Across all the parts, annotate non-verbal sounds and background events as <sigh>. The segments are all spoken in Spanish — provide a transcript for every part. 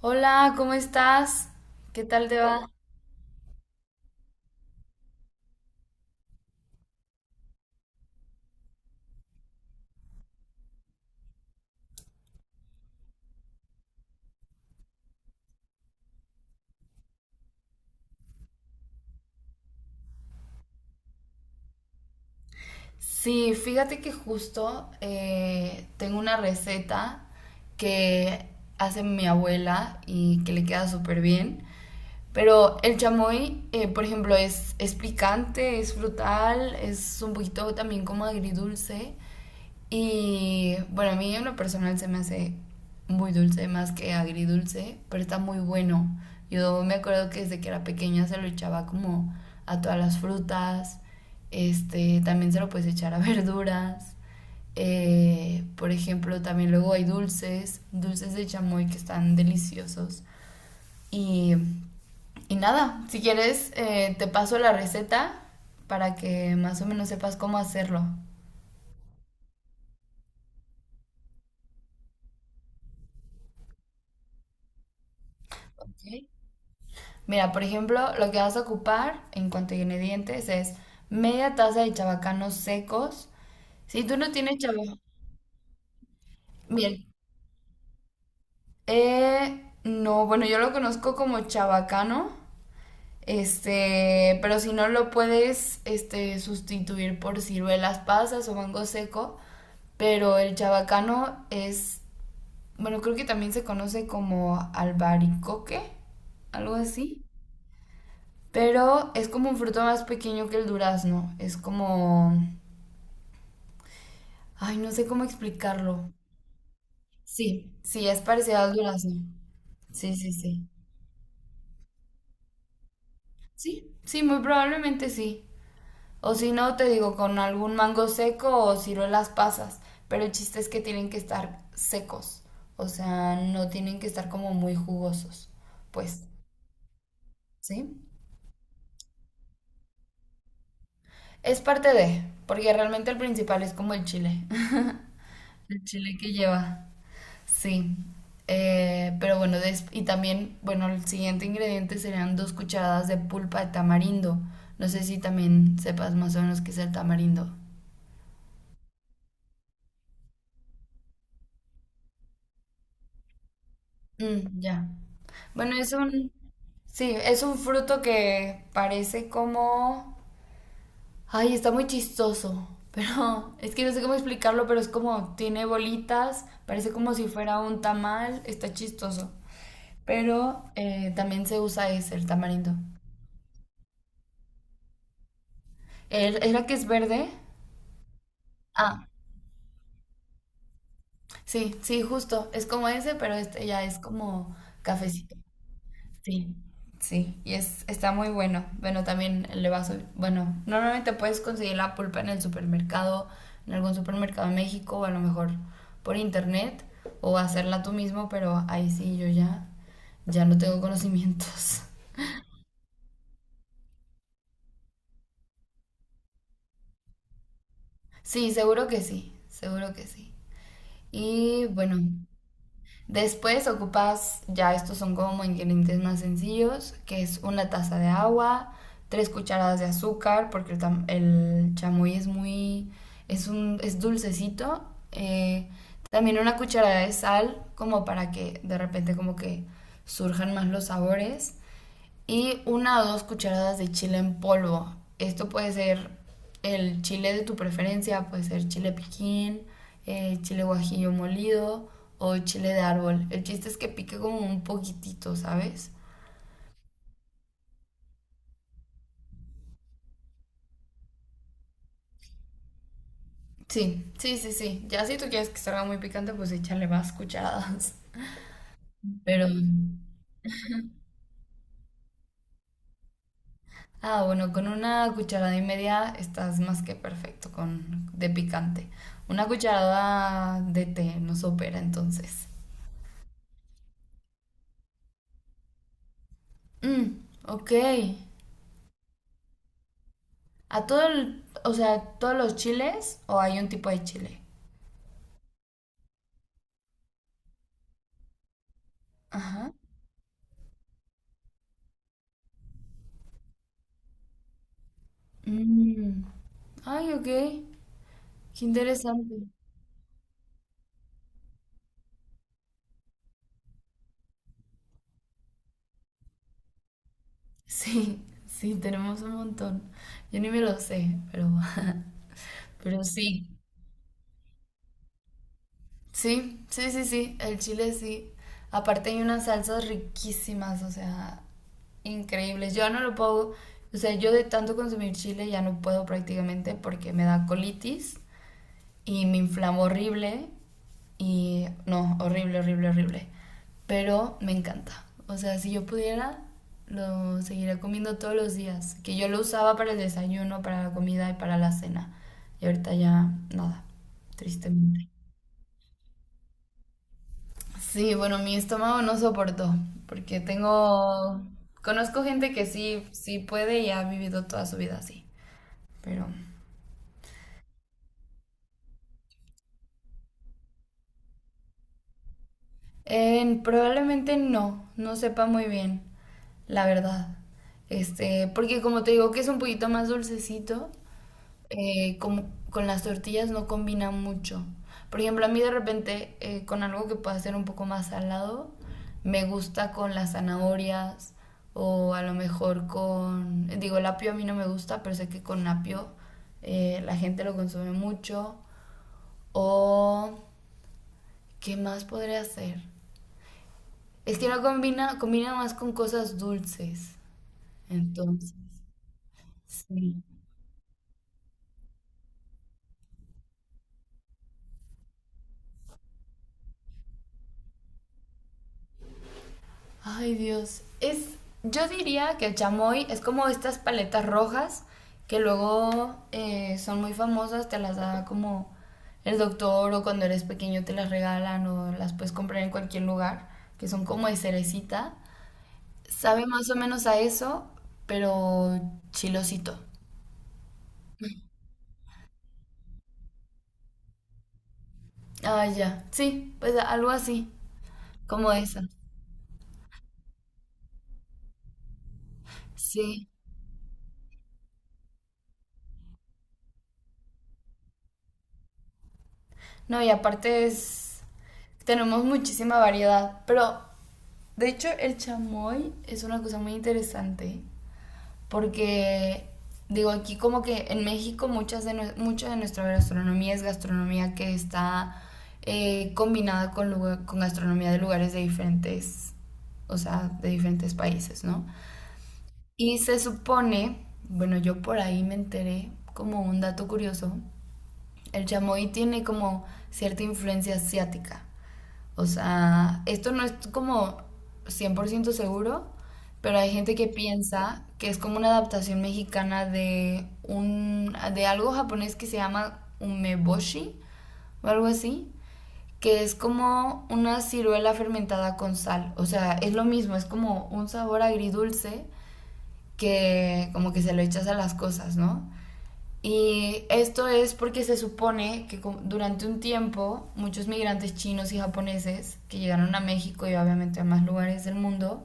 Hola, ¿cómo estás? ¿Qué tal te va? Sí, fíjate que justo tengo una receta que hace mi abuela y que le queda súper bien. Pero el chamoy, por ejemplo, es picante, es frutal, es un poquito también como agridulce. Y bueno, a mí en lo personal se me hace muy dulce, más que agridulce, pero está muy bueno. Yo me acuerdo que desde que era pequeña se lo echaba como a todas las frutas. Este, también se lo puedes echar a <laughs> verduras. Por ejemplo, también luego hay dulces, dulces de chamoy que están deliciosos. Y, y nada, si quieres, te paso la receta para que más o menos sepas cómo hacerlo. Ok. Mira, por ejemplo, lo que vas a ocupar en cuanto a ingredientes es media taza de chabacanos secos. Si tú no tienes chabacano, bien. No, bueno, yo lo conozco como chabacano, este, pero si no lo puedes, este, sustituir por ciruelas pasas o mango seco, pero el chabacano es bueno, creo que también se conoce como albaricoque, algo así. Pero es como un fruto más pequeño que el durazno. Es como... Ay, no sé cómo explicarlo. Sí, sí, es parecido al durazno. Sí, sí, sí. Sí, sí, muy probablemente sí. O si no, te digo, con algún mango seco o ciruelas pasas. Pero el chiste es que tienen que estar secos. O sea, no tienen que estar como muy jugosos. Pues, ¿sí? Es parte de, porque realmente el principal es como el chile, <laughs> el chile que lleva. Sí, pero bueno, y también, bueno, el siguiente ingrediente serían dos cucharadas de pulpa de tamarindo. No sé si también sepas más o menos qué es el tamarindo. Mm, ya. Bueno, sí, es un fruto que parece como, ay, está muy chistoso, pero <laughs> es que no sé cómo explicarlo, pero es como, tiene bolitas, parece como si fuera un tamal, está chistoso. Pero también se usa ese, el tamarindo. ¿Era que es verde? Ah, sí, sí, justo. Es como ese, pero este ya es como cafecito. Sí, sí. Y es, está muy bueno. Bueno, también le vas a... Bueno, normalmente puedes conseguir la pulpa en el supermercado, en algún supermercado en México, o a lo mejor por internet, o hacerla tú mismo, pero ahí sí yo ya, ya no tengo conocimientos. <laughs> Sí, seguro que sí, seguro que sí. Y bueno. Después ocupas, ya estos son como ingredientes más sencillos, que es una taza de agua, tres cucharadas de azúcar, porque el chamoy es muy, es dulcecito. eh, También una cucharada de sal, como para que de repente como que surjan más los sabores y una o dos cucharadas de chile en polvo. Esto puede ser el chile de tu preferencia, puede ser chile piquín, chile guajillo molido o chile de árbol. El chiste es que pique como un poquitito, ¿sabes? Sí, sí, sí, sí. Ya si tú quieres que salga muy picante, pues échale más cucharadas. Pero, ah, bueno, con una cucharada y media estás más que perfecto con de picante. Una cucharada de té nos opera entonces. Mm, ok. A todo o sea, todos los chiles o hay un tipo de chile. Ajá. Mm. Ay, ok. Qué interesante. <laughs> Sí, sí, tenemos un montón. Yo ni me lo sé, pero, <laughs> pero sí. Sí, sí, sí, sí. El chile sí. Aparte hay unas salsas riquísimas, o sea, increíbles. Yo no lo puedo, o sea, yo de tanto consumir chile ya no puedo prácticamente porque me da colitis. Y me inflamó horrible y no, horrible, horrible, horrible. Pero me encanta. O sea, si yo pudiera, lo seguiría comiendo todos los días. Que yo lo usaba para el desayuno, para la comida y para la cena. Y ahorita ya nada, tristemente. Sí, bueno, mi estómago no soportó, porque tengo... Conozco gente que sí, sí puede y ha vivido toda su vida así, pero... Probablemente no, no sepa muy bien, la verdad. Este, porque como te digo que es un poquito más dulcecito, como con las tortillas no combina mucho. Por ejemplo, a mí de repente con algo que pueda ser un poco más salado, me gusta con las zanahorias o a lo mejor con, digo, el apio a mí no me gusta, pero sé que con apio la gente lo consume mucho. O, ¿qué más podría hacer? Es que no combina, combina más con cosas dulces. Entonces, sí. Ay, Dios. Es, yo diría que el chamoy es como estas paletas rojas que luego son muy famosas, te las da como el doctor o cuando eres pequeño te las regalan o las puedes comprar en cualquier lugar, que son como de cerecita. Sabe más o menos a eso, pero chilosito. Ah, ya. Sí, pues algo así, como esa. Sí. No, y aparte es... Tenemos muchísima variedad, pero de hecho el chamoy es una cosa muy interesante porque digo aquí como que en México muchas de, mucha de nuestra gastronomía es gastronomía que está combinada con, con gastronomía de lugares de diferentes, o sea, de diferentes países, ¿no? Y se supone, bueno, yo por ahí me enteré como un dato curioso, el chamoy tiene como cierta influencia asiática. O sea, esto no es como 100% seguro, pero hay gente que piensa que es como una adaptación mexicana de un de algo japonés que se llama umeboshi o algo así, que es como una ciruela fermentada con sal. O sea, es lo mismo, es como un sabor agridulce que como que se lo echas a las cosas, ¿no? Y esto es porque se supone que durante un tiempo muchos migrantes chinos y japoneses que llegaron a México y obviamente a más lugares del mundo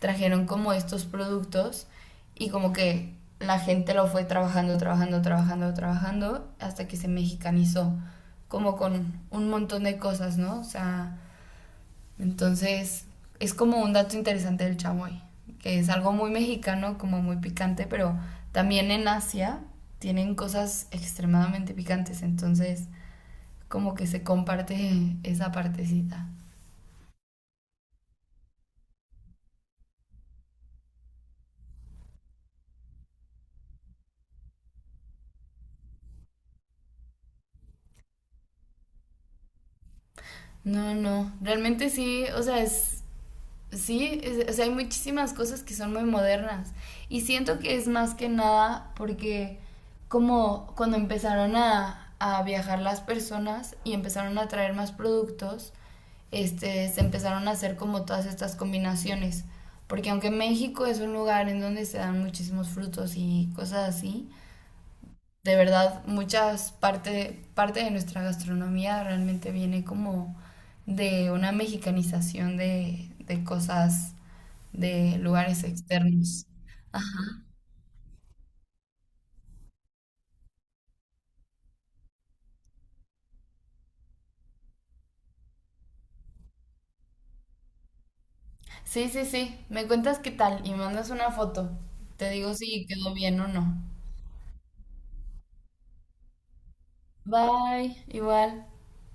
trajeron como estos productos y como que la gente lo fue trabajando, trabajando, trabajando, trabajando hasta que se mexicanizó, como con un montón de cosas, ¿no? O sea, entonces, es como un dato interesante del chamoy, que es algo muy mexicano, como muy picante, pero también en Asia tienen cosas extremadamente picantes, entonces como que se comparte esa partecita. No, no, realmente sí, o sea, es sí, o sea, hay muchísimas cosas que son muy modernas. Y siento que es más que nada porque como cuando empezaron a viajar las personas y empezaron a traer más productos, este, se empezaron a hacer como todas estas combinaciones. Porque aunque México es un lugar en donde se dan muchísimos frutos y cosas así, de verdad muchas parte de nuestra gastronomía realmente viene como de una mexicanización de cosas de lugares externos. Ah, sí, sí, sí, me cuentas qué tal y mandas una foto. Te digo si quedó bien o no. Bye, igual.